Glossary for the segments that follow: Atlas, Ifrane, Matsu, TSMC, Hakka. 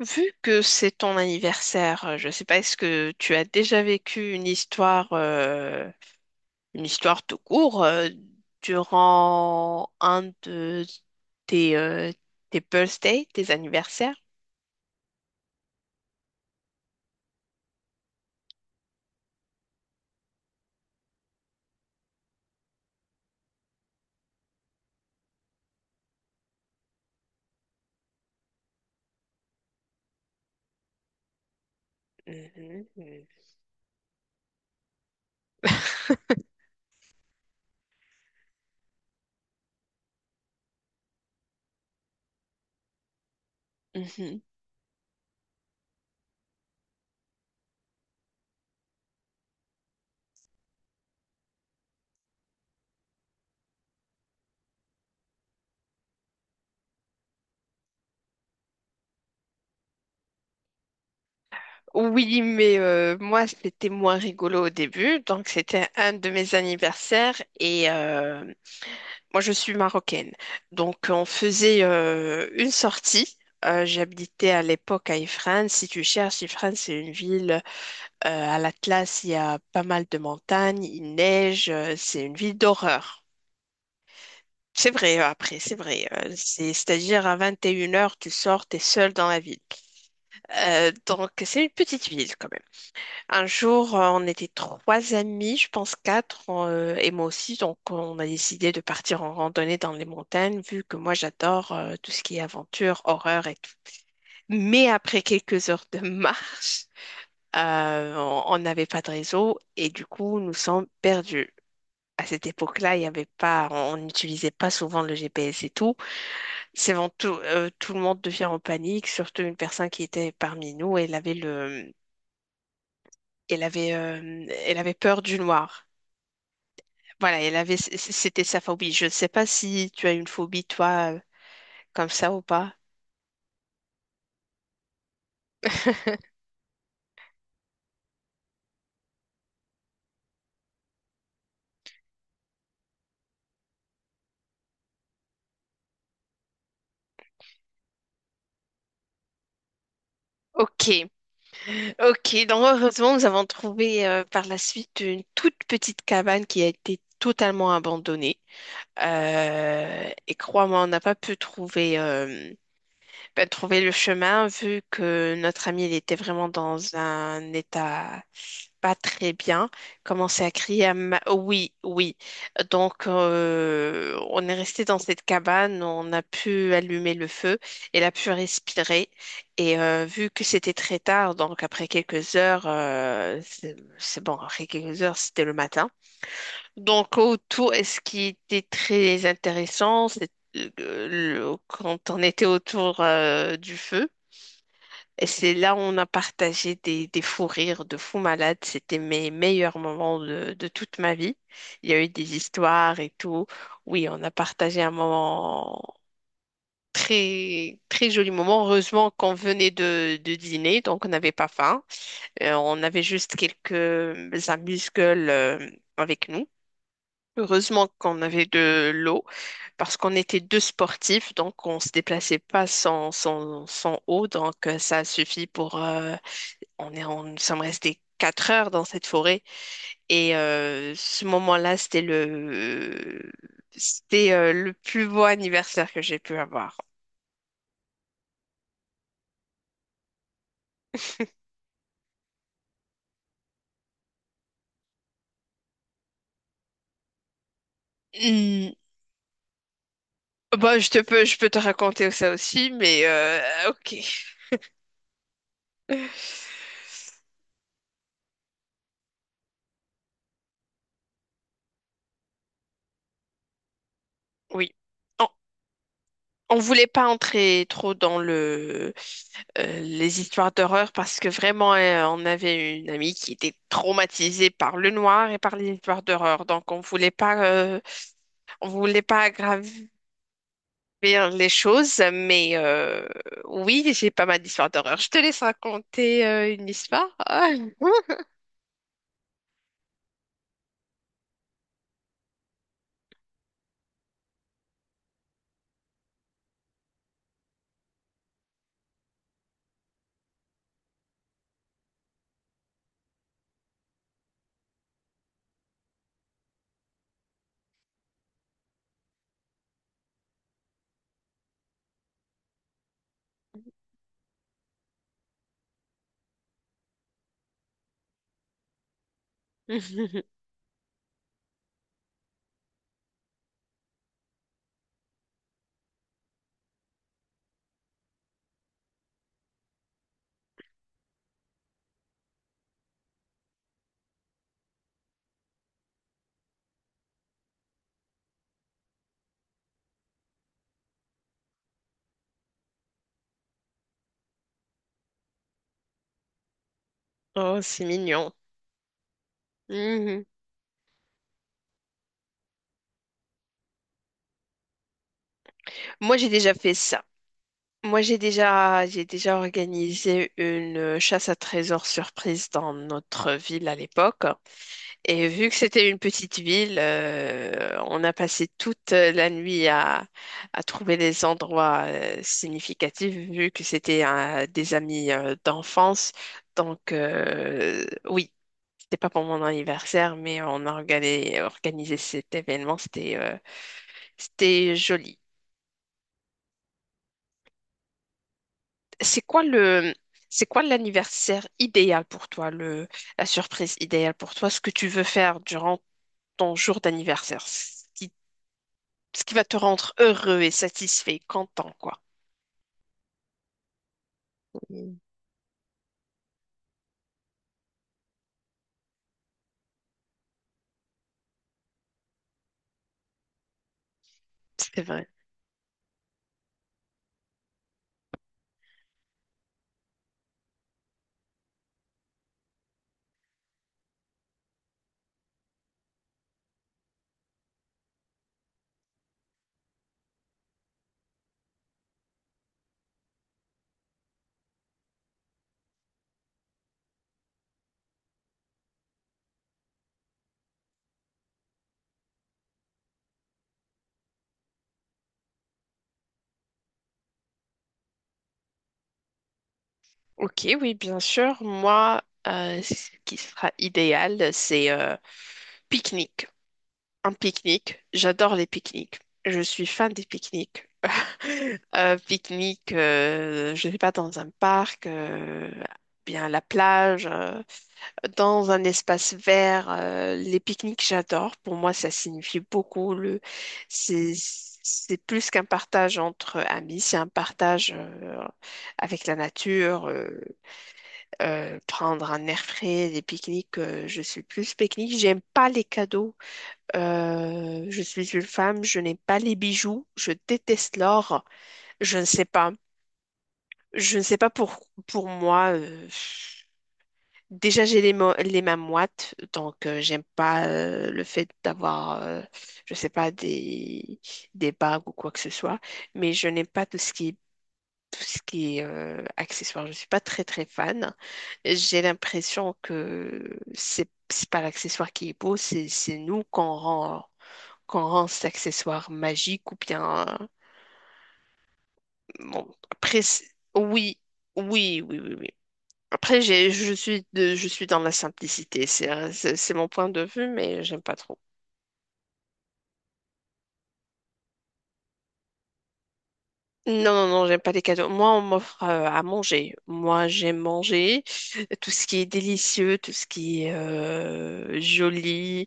Vu que c'est ton anniversaire, je ne sais pas, est-ce que tu as déjà vécu une histoire tout court, durant un de tes, tes birthdays, tes anniversaires. Mhm, mhm. Oui, mais moi, c'était moins rigolo au début. Donc, c'était un de mes anniversaires et moi, je suis marocaine. Donc, on faisait une sortie. J'habitais à l'époque à Ifrane. Si tu cherches, Ifrane, c'est une ville à l'Atlas. Il y a pas mal de montagnes, il neige. C'est une ville d'horreur. C'est vrai, après, c'est vrai. C'est, c'est-à-dire à 21 heures, tu sors, t'es seul dans la ville. Donc, c'est une petite ville quand même. Un jour, on était trois amis, je pense quatre, et moi aussi. Donc, on a décidé de partir en randonnée dans les montagnes, vu que moi, j'adore tout ce qui est aventure, horreur et tout. Mais après quelques heures de marche, on n'avait pas de réseau et du coup, nous sommes perdus. À cette époque-là, il y avait pas, on n'utilisait pas souvent le GPS et tout. C'est vraiment tout, tout le monde devient en panique, surtout une personne qui était parmi nous. Elle avait le, elle avait peur du noir. Voilà, elle avait, c'était sa phobie. Je ne sais pas si tu as une phobie, toi, comme ça ou pas. Ok, ok. Donc heureusement, nous avons trouvé par la suite une toute petite cabane qui a été totalement abandonnée. Et crois-moi, on n'a pas pu trouver, trouver le chemin vu que notre ami il était vraiment dans un état pas très bien, commençait à crier à oui, oui. Donc, on est resté dans cette cabane, on a pu allumer le feu, elle a pu respirer. Et vu que c'était très tard, donc après quelques heures, c'est bon, après quelques heures, c'était le matin. Donc, autour, et ce qui était très intéressant, c'est quand on était autour du feu, et c'est là où on a partagé des fous rires de fous malades. C'était mes meilleurs moments de toute ma vie. Il y a eu des histoires et tout. Oui, on a partagé un moment très, très joli moment. Heureusement qu'on venait de dîner, donc on n'avait pas faim. On avait juste quelques amuse-gueules avec nous. Heureusement qu'on avait de l'eau parce qu'on était deux sportifs, donc on se déplaçait pas sans eau, donc ça suffit pour nous sommes restés quatre heures dans cette forêt et ce moment-là, c'était le plus beau anniversaire que j'ai pu avoir. Hmm. Bon, je peux te raconter ça aussi, mais ok. Oui. On, on voulait pas entrer trop dans les histoires d'horreur parce que vraiment, on avait une amie qui était traumatisée par le noir et par les histoires d'horreur, donc on voulait pas on voulait pas aggraver les choses, mais oui, j'ai pas mal d'histoires d'horreur. Je te laisse raconter une histoire. Ah. Oh, c'est mignon. Mhm. Moi, j'ai déjà fait ça. Moi, j'ai déjà organisé une chasse à trésors surprise dans notre ville à l'époque. Et vu que c'était une petite ville, on a passé toute la nuit à trouver des endroits significatifs, vu que c'était des amis d'enfance. Donc, oui, c'était pas pour mon anniversaire, mais on a organisé cet événement. C'était c'était joli. C'est quoi le, c'est quoi l'anniversaire idéal pour toi, la surprise idéale pour toi, ce que tu veux faire durant ton jour d'anniversaire? Si ce qui va te rendre heureux et satisfait, content, quoi. Mm. C'est vrai. Ok, oui, bien sûr. Moi, ce qui sera idéal, c'est pique-nique. Un pique-nique. J'adore les pique-niques. Je suis fan des pique-niques. Pique-nique, je ne sais pas, dans un parc, bien à la plage. Dans un espace vert. Les pique-niques, j'adore. Pour moi, ça signifie beaucoup. C'est plus qu'un partage entre amis, c'est un partage avec la nature. Prendre un air frais, des pique-niques, je suis plus pique-nique. J'aime pas les cadeaux. Je suis une femme, je n'aime pas les bijoux. Je déteste l'or. Je ne sais pas. Je ne sais pas pour, pour moi. Déjà, les mains moites, donc j'aime pas le fait d'avoir, je sais pas, des bagues ou quoi que ce soit, mais je n'aime pas tout ce qui est accessoire. Je suis pas très très fan. J'ai l'impression que c'est pas l'accessoire qui est beau, c'est nous qu'on rend cet accessoire magique ou bien. Bon, après, oui, oui, oui, oui, oui. Après, j'ai, je suis de, je suis dans la simplicité. C'est mon point de vue, mais j'aime pas trop. Non, non, non, j'aime pas les cadeaux. Moi, on m'offre à manger. Moi, j'aime manger tout ce qui est délicieux, tout ce qui est joli.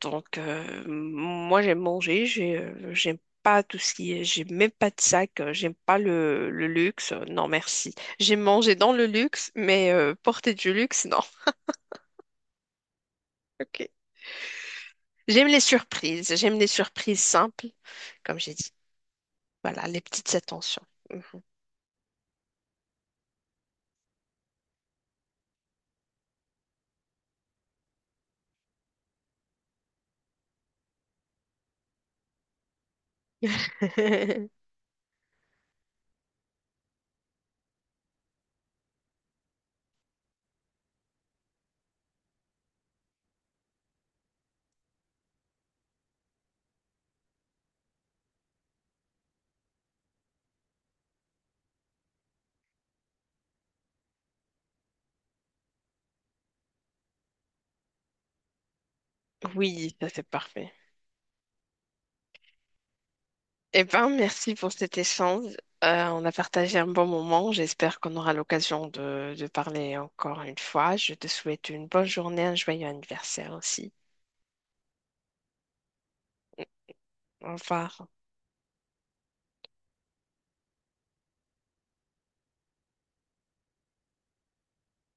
Donc, moi, j'aime manger. J'aime pas tout ce qui est. J'aime même pas de sac. J'aime pas le luxe. Non, merci. J'aime manger dans le luxe, mais porter du luxe, non. Ok. J'aime les surprises. J'aime les surprises simples, comme j'ai dit. Voilà, les petites attentions. Mhm. Oui, ça c'est parfait. Eh ben, merci pour cet échange. On a partagé un bon moment. J'espère qu'on aura l'occasion de parler encore une fois. Je te souhaite une bonne journée, un joyeux anniversaire aussi. Au revoir.